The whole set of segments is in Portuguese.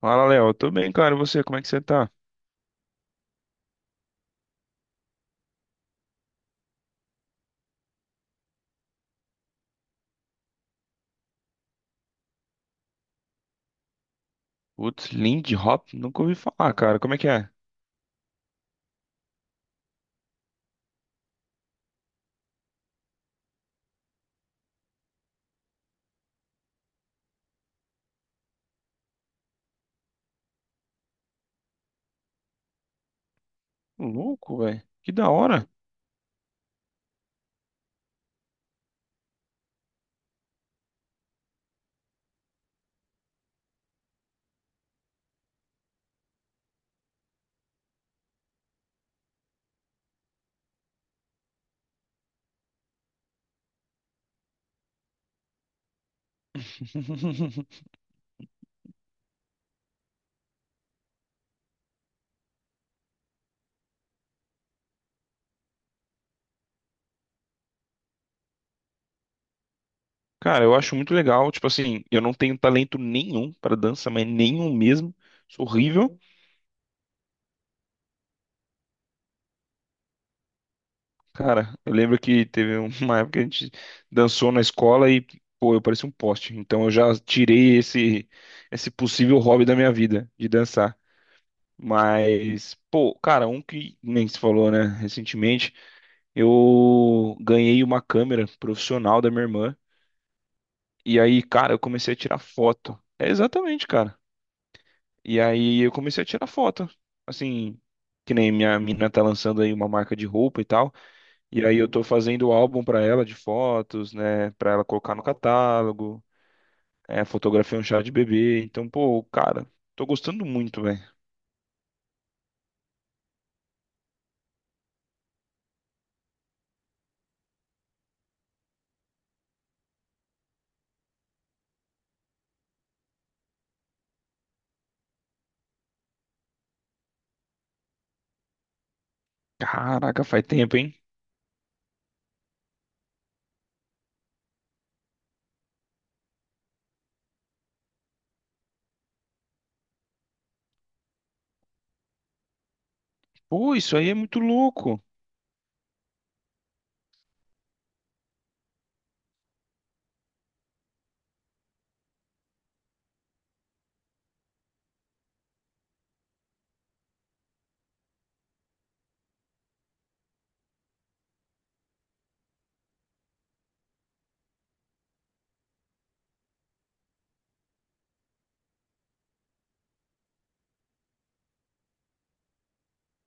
Fala, Léo. Tô bem, cara. E você, como é que você tá? Putz, Lindy Hop? Nunca ouvi falar, cara. Como é que é? Louco, velho. Que da hora. Cara, eu acho muito legal. Tipo assim, eu não tenho talento nenhum pra dança, mas nenhum mesmo. Sou horrível. Cara, eu lembro que teve uma época que a gente dançou na escola e, pô, eu parecia um poste. Então eu já tirei esse possível hobby da minha vida, de dançar. Mas, pô, cara, um que nem se falou, né, recentemente. Eu ganhei uma câmera profissional da minha irmã. E aí, cara, eu comecei a tirar foto. É exatamente, cara. E aí eu comecei a tirar foto. Assim, que nem minha mina tá lançando aí uma marca de roupa e tal. E aí eu tô fazendo o álbum pra ela de fotos, né? Pra ela colocar no catálogo. É, fotografia é um chá de bebê. Então, pô, cara, tô gostando muito, velho. Caraca, faz tempo, hein? Pô, isso aí é muito louco.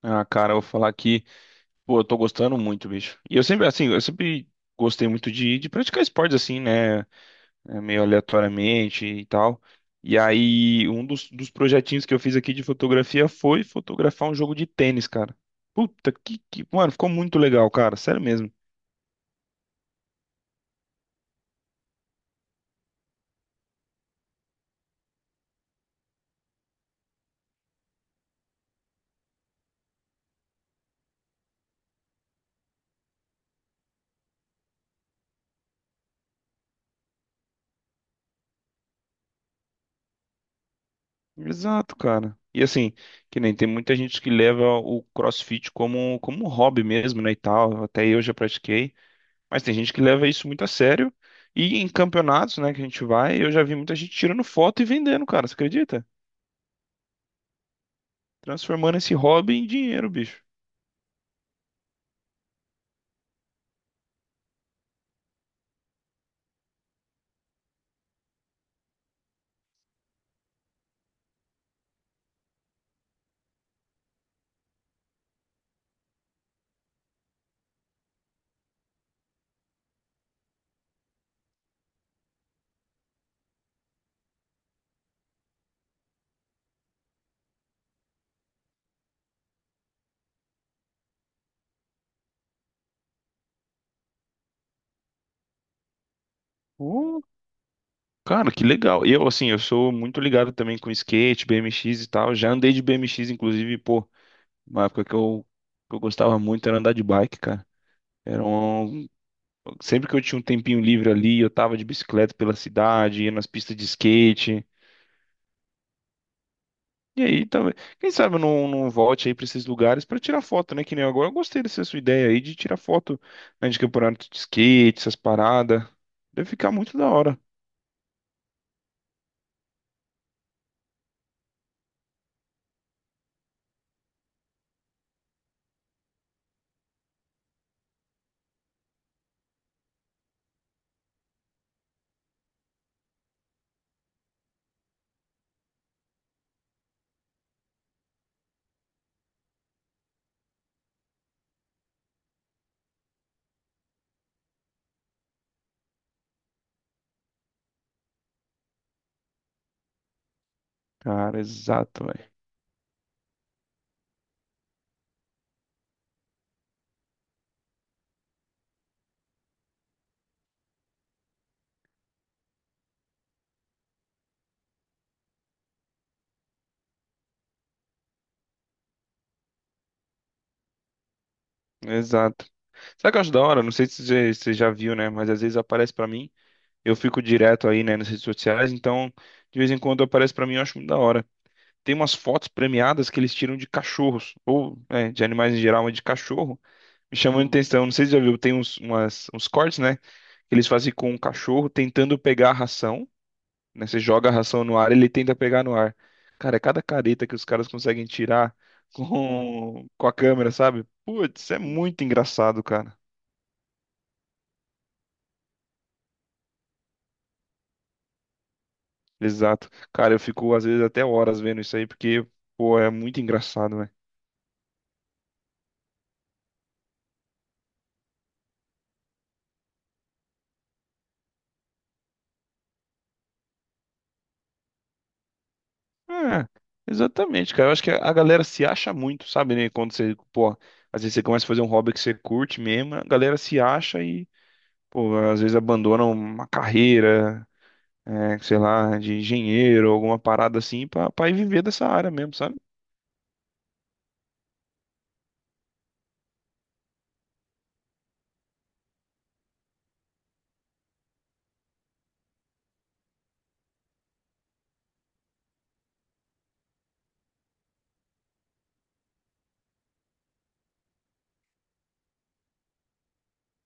Ah, cara, eu vou falar que. Pô, eu tô gostando muito, bicho. E eu sempre, assim, eu sempre gostei muito de praticar esportes, assim, né? É, meio aleatoriamente e tal. E aí, um dos projetinhos que eu fiz aqui de fotografia foi fotografar um jogo de tênis, cara. Puta, que... Mano, ficou muito legal, cara. Sério mesmo. Exato, cara. E assim, que nem tem muita gente que leva o CrossFit como um hobby mesmo, né, e tal. Até eu já pratiquei. Mas tem gente que leva isso muito a sério. E em campeonatos, né, que a gente vai, eu já vi muita gente tirando foto e vendendo, cara. Você acredita? Transformando esse hobby em dinheiro, bicho. Uh, cara, que legal. Eu, assim, eu sou muito ligado também com skate, BMX e tal. Já andei de BMX, inclusive, pô, uma época que eu gostava muito era andar de bike, cara. Era um... Sempre que eu tinha um tempinho livre ali, eu tava de bicicleta pela cidade, ia nas pistas de skate. E aí, talvez. Quem sabe eu não volte aí pra esses lugares pra tirar foto, né? Que nem agora. Eu gostei dessa sua ideia aí de tirar foto, né, de campeonato de skate, essas paradas. Deve ficar muito da hora. Cara, exato, velho. Exato. Sabe o que eu acho da hora? Não sei se você já viu, né? Mas às vezes aparece pra mim. Eu fico direto aí, né, nas redes sociais. Então, de vez em quando aparece pra mim, eu acho muito da hora. Tem umas fotos premiadas que eles tiram de cachorros, ou é, de animais em geral, mas de cachorro. Me chamou a atenção. Não sei se já viu, tem uns, uns cortes, né? Que eles fazem com um cachorro tentando pegar a ração, né? Você joga a ração no ar, ele tenta pegar no ar. Cara, é cada careta que os caras conseguem tirar com a câmera, sabe? Putz, é muito engraçado, cara. Exato. Cara, eu fico às vezes até horas vendo isso aí, porque, pô, é muito engraçado, né? É, exatamente, cara. Eu acho que a galera se acha muito, sabe, né? Quando você, pô, às vezes você começa a fazer um hobby que você curte mesmo, a galera se acha. Pô, às vezes abandonam uma carreira, é, sei lá, de engenheiro, alguma parada assim, pra ir viver dessa área mesmo, sabe?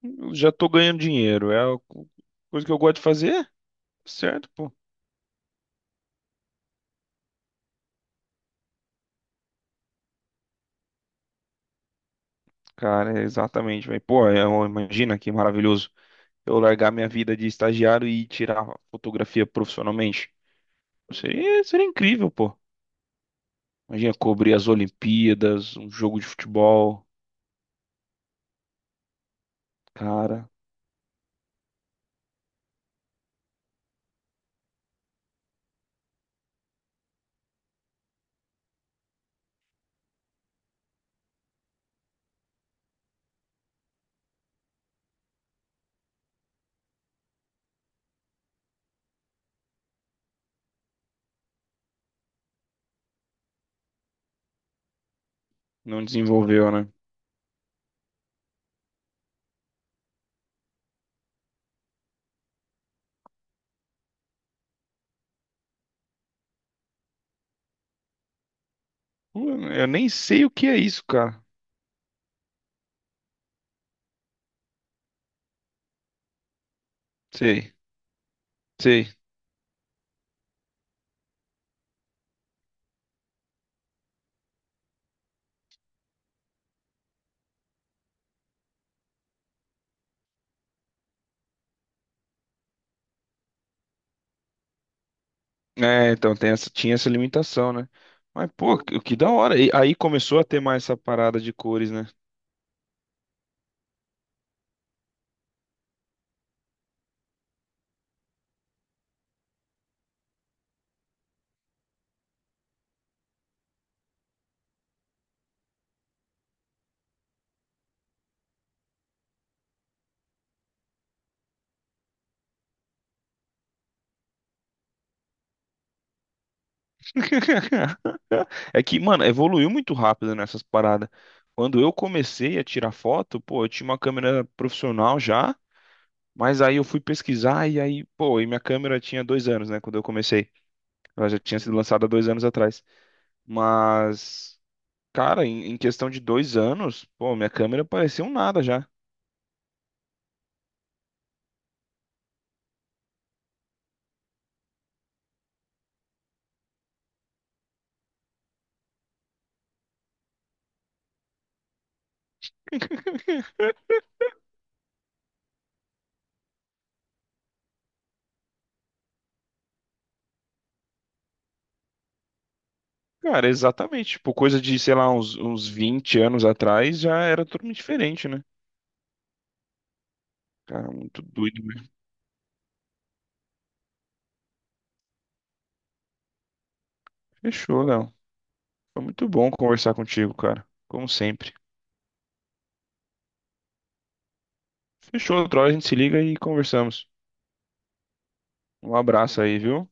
Eu já tô ganhando dinheiro, é a coisa que eu gosto de fazer, certo, pô. Cara, é exatamente, velho. Pô, é uma- imagina que maravilhoso eu largar minha vida de estagiário e tirar fotografia profissionalmente. Seria incrível, pô. Imagina cobrir as Olimpíadas, um jogo de futebol. Cara, não desenvolveu, né? Pô, eu nem sei o que é isso, cara. Sei. Sei. É, então tem essa, tinha essa limitação, né? Mas, pô, que da hora. E aí começou a ter mais essa parada de cores, né? É que, mano, evoluiu muito rápido nessas paradas. Quando eu comecei a tirar foto, pô, eu tinha uma câmera profissional já, mas aí eu fui pesquisar e aí, pô, e minha câmera tinha 2 anos, né? Quando eu comecei. Ela já tinha sido lançada há 2 anos atrás. Mas, cara, em questão de 2 anos, pô, minha câmera parecia um nada já. Cara, exatamente. Tipo, coisa de, sei lá, uns 20 anos atrás já era totalmente diferente, né? Cara, muito doido mesmo. Fechou, Léo. Foi muito bom conversar contigo, cara. Como sempre. Fechou, outra hora a gente se liga e conversamos. Um abraço aí, viu?